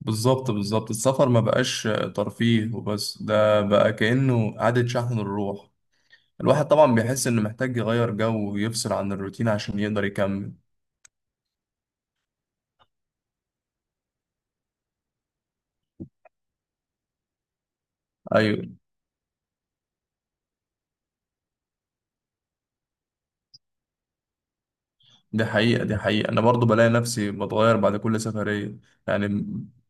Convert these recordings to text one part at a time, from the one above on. بالظبط، بالظبط. السفر ما بقاش ترفيه وبس، ده بقى كأنه إعادة شحن الروح. الواحد طبعا بيحس إنه محتاج يغير جو ويفصل عن الروتين عشان يقدر يكمل. أيوة. دي حقيقة، دي حقيقة. أنا برضو بلاقي نفسي بتغير بعد كل سفرية، يعني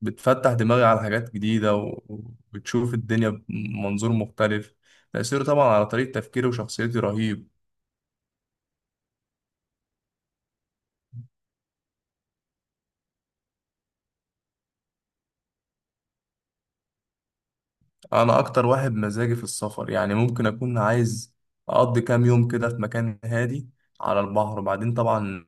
بتفتح دماغي على حاجات جديدة وبتشوف الدنيا بمنظور مختلف. تأثيره طبعا على طريقة تفكيري وشخصيتي رهيب. انا اكتر واحد مزاجي في السفر، يعني ممكن اكون عايز اقضي كام يوم كده في مكان هادي على البحر، وبعدين طبعا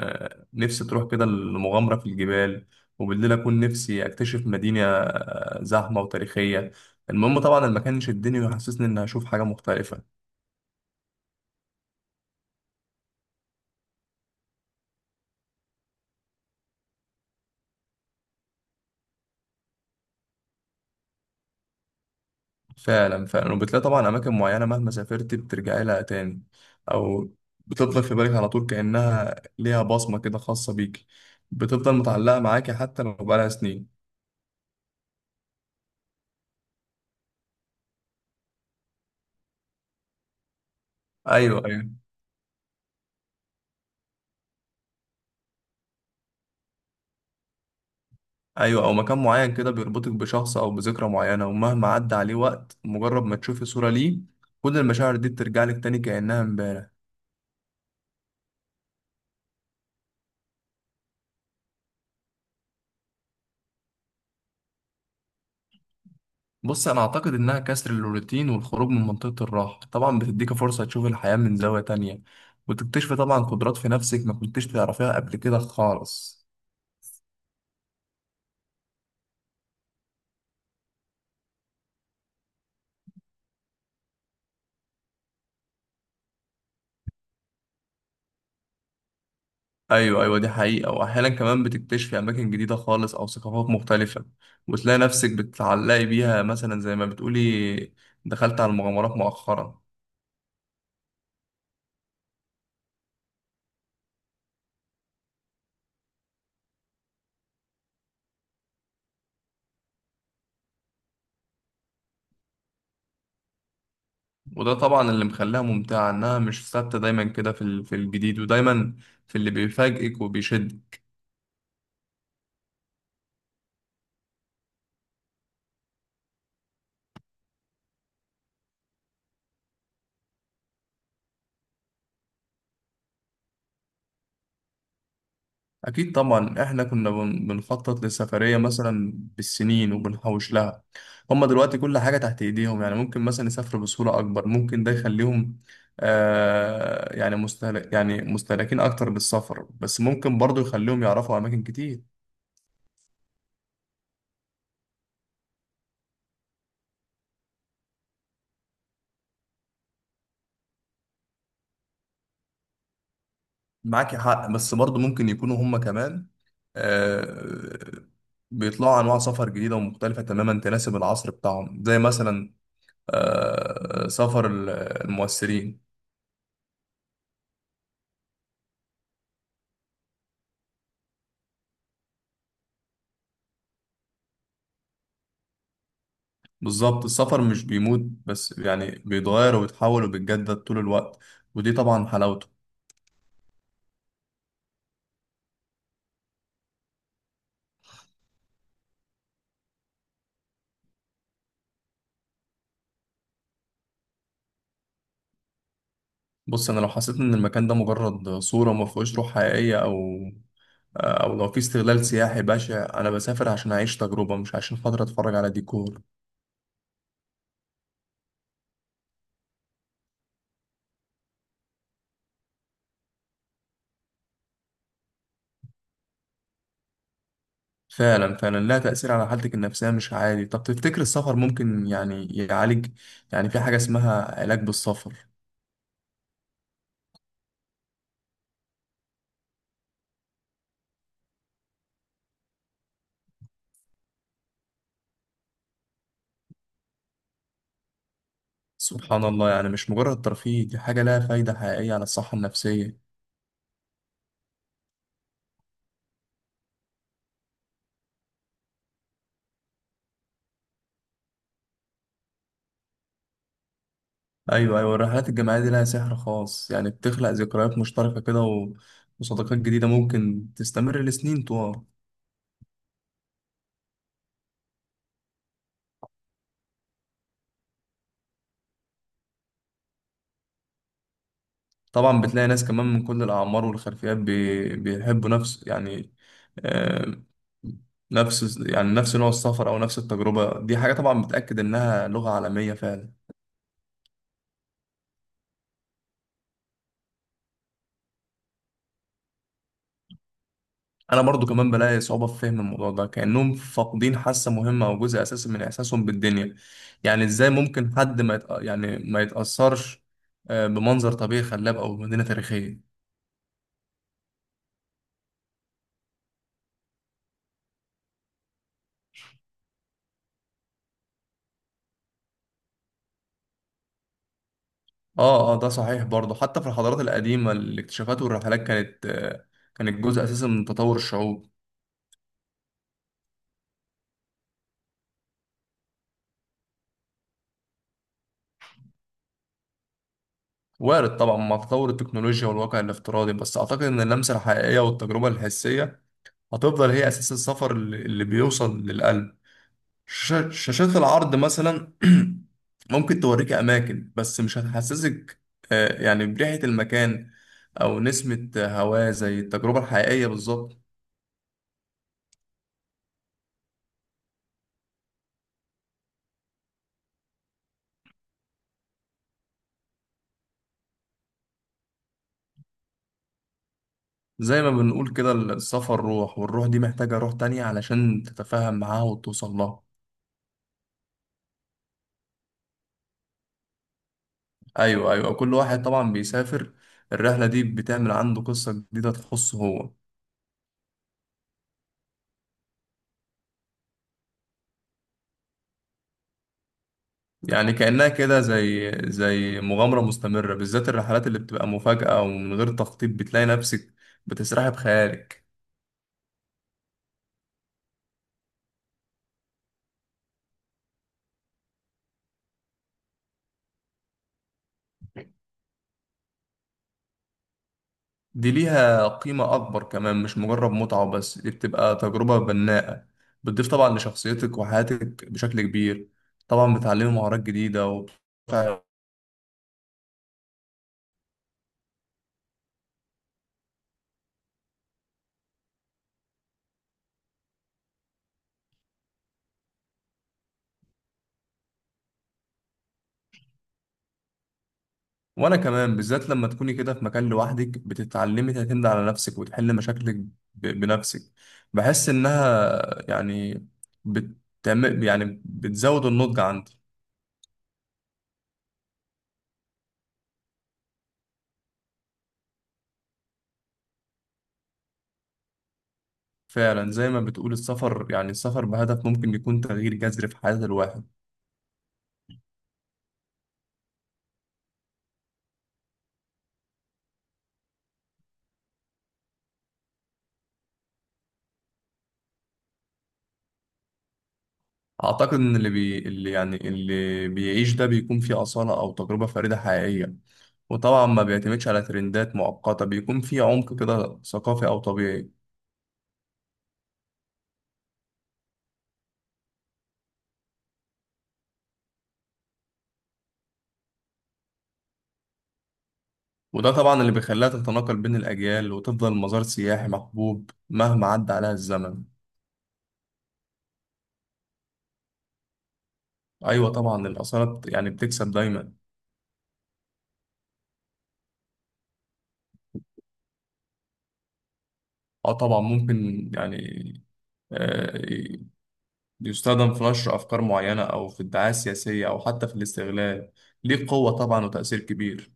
نفسي تروح كده المغامرة في الجبال، وبالليل اكون نفسي اكتشف مدينة زحمة وتاريخية. المهم طبعا المكان يشدني ويحسسني اني هشوف حاجة مختلفة. فعلا فعلا، وبتلاقي طبعا اماكن معينة مهما سافرت بترجعي لها تاني، او بتفضل في بالك على طول كأنها ليها بصمة كده خاصة بيك. بتفضل متعلقة معاكي حتى لو بقالها سنين. ايوه، ايوه، ايوه، او مكان معين كده بيربطك بشخص او بذكرى معينه، ومهما عدى عليه وقت مجرد ما تشوفي صوره ليه كل المشاعر دي بترجع لك تاني كانها امبارح. بص، انا اعتقد انها كسر الروتين والخروج من منطقه الراحه، طبعا بتديك فرصه تشوف الحياه من زاويه تانية وتكتشفي طبعا قدرات في نفسك ما كنتش تعرفيها قبل كده خالص. ايوه، ايوه، دي حقيقه. واحيانا كمان بتكتشفي اماكن جديده خالص او ثقافات مختلفه، وتلاقي نفسك بتتعلقي بيها، مثلا زي ما بتقولي دخلت على المغامرات مؤخرا. وده طبعا اللي مخليها ممتعة، إنها مش ثابتة دايما، كده في الجديد، ودايما في اللي بيفاجئك وبيشد. أكيد طبعا. إحنا كنا بنخطط للسفرية مثلا بالسنين وبنحوش لها. هما دلوقتي كل حاجة تحت إيديهم، يعني ممكن مثلا يسافروا بسهولة أكبر. ممكن ده يخليهم مستهلكين أكتر بالسفر، بس ممكن برضه يخليهم يعرفوا أماكن كتير. معاك حق، بس برضه ممكن يكونوا هم كمان آه، بيطلعوا انواع سفر جديده ومختلفه تماما تناسب العصر بتاعهم، زي مثلا سفر المؤثرين. بالظبط. السفر مش بيموت، بس يعني بيتغير وبيتحول وبيتجدد طول الوقت، ودي طبعا حلاوته. بص، انا لو حسيت ان المكان ده مجرد صوره ما فيهوش روح حقيقيه، او لو في استغلال سياحي بشع، انا بسافر عشان اعيش تجربه مش عشان خاطر اتفرج على ديكور. فعلا فعلا، لها تأثير على حالتك النفسية مش عادي. طب تفتكر السفر ممكن يعني يعالج؟ يعني في حاجة اسمها علاج بالسفر؟ سبحان الله، يعني مش مجرد ترفيه، دي حاجة لها فايدة حقيقية على الصحة النفسية. أيوة، أيوة، الرحلات الجماعية دي لها سحر خاص، يعني بتخلق ذكريات مشتركة كده وصداقات جديدة ممكن تستمر لسنين طوال. طبعا بتلاقي ناس كمان من كل الأعمار والخلفيات بيحبوا نفس يعني آه، نفس يعني نفس نوع السفر أو نفس التجربة. دي حاجة طبعا بتأكد إنها لغة عالمية فعلا. أنا برضو كمان بلاقي صعوبة في فهم الموضوع ده، كأنهم فاقدين حاسة مهمة أو جزء أساسي من إحساسهم بالدنيا. يعني إزاي ممكن حد ما يتأثرش بمنظر طبيعي خلاب أو مدينة تاريخية؟ آه، آه، ده صحيح برضو، حتى في الحضارات القديمة الاكتشافات والرحلات كانت جزء أساسي من تطور الشعوب. وارد طبعا مع تطور التكنولوجيا والواقع الافتراضي، بس أعتقد إن اللمسة الحقيقية والتجربة الحسية هتفضل هي أساس السفر اللي بيوصل للقلب. شاشات العرض مثلا ممكن توريك أماكن، بس مش هتحسسك يعني بريحة المكان أو نسمة هواه زي التجربة الحقيقية بالظبط. زي ما بنقول كده، السفر روح، والروح دي محتاجة روح تانية علشان تتفاهم معاها وتوصل لها. ايوه، ايوه، كل واحد طبعا بيسافر الرحله دي بتعمل عنده قصه جديده تخصه هو. يعني كانها كده زي مغامره مستمره، بالذات الرحلات اللي بتبقى مفاجاه ومن غير تخطيط، بتلاقي نفسك بتسرحي بخيالك. دي ليها قيمه اكبر كمان، مش مجرد متعه وبس، دي بتبقى تجربه بناءه، بتضيف طبعا لشخصيتك وحياتك بشكل كبير، طبعا بتعلمي مهارات جديده. وانا كمان، بالذات لما تكوني كده في مكان لوحدك بتتعلمي تعتمدي على نفسك وتحلي مشاكلك بنفسك. بحس انها، يعني، بتعمل يعني بتزود النضج عندي. فعلا زي ما بتقول، السفر بهدف ممكن يكون تغيير جذري في حياة الواحد. اعتقد ان اللي بي اللي يعني اللي بيعيش ده بيكون فيه أصالة او تجربة فريدة حقيقية، وطبعا ما بيعتمدش على ترندات مؤقتة، بيكون فيه عمق كده ثقافي او طبيعي. وده طبعا اللي بيخليها تتناقل بين الأجيال وتفضل مزار سياحي محبوب مهما عدى عليها الزمن. أيوة طبعا. الآثار يعني بتكسب دايما. أه طبعا ممكن، يعني آه، يستخدم في نشر أفكار معينة أو في الدعاية السياسية أو حتى في الاستغلال. ليه قوة طبعا وتأثير كبير.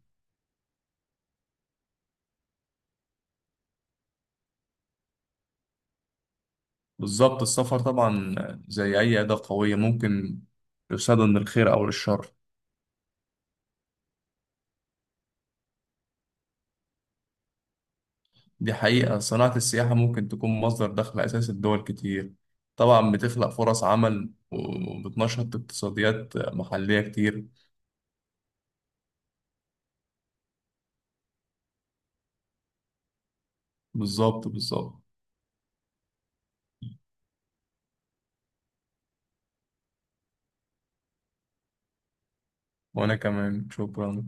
بالظبط. السفر طبعا زي أي أداة قوية ممكن يستخدم للخير أو للشر. دي حقيقة، صناعة السياحة ممكن تكون مصدر دخل أساسي لدول كتير، طبعا بتخلق فرص عمل وبتنشط اقتصاديات محلية كتير. بالظبط، بالظبط. وأنا كمان شكرا.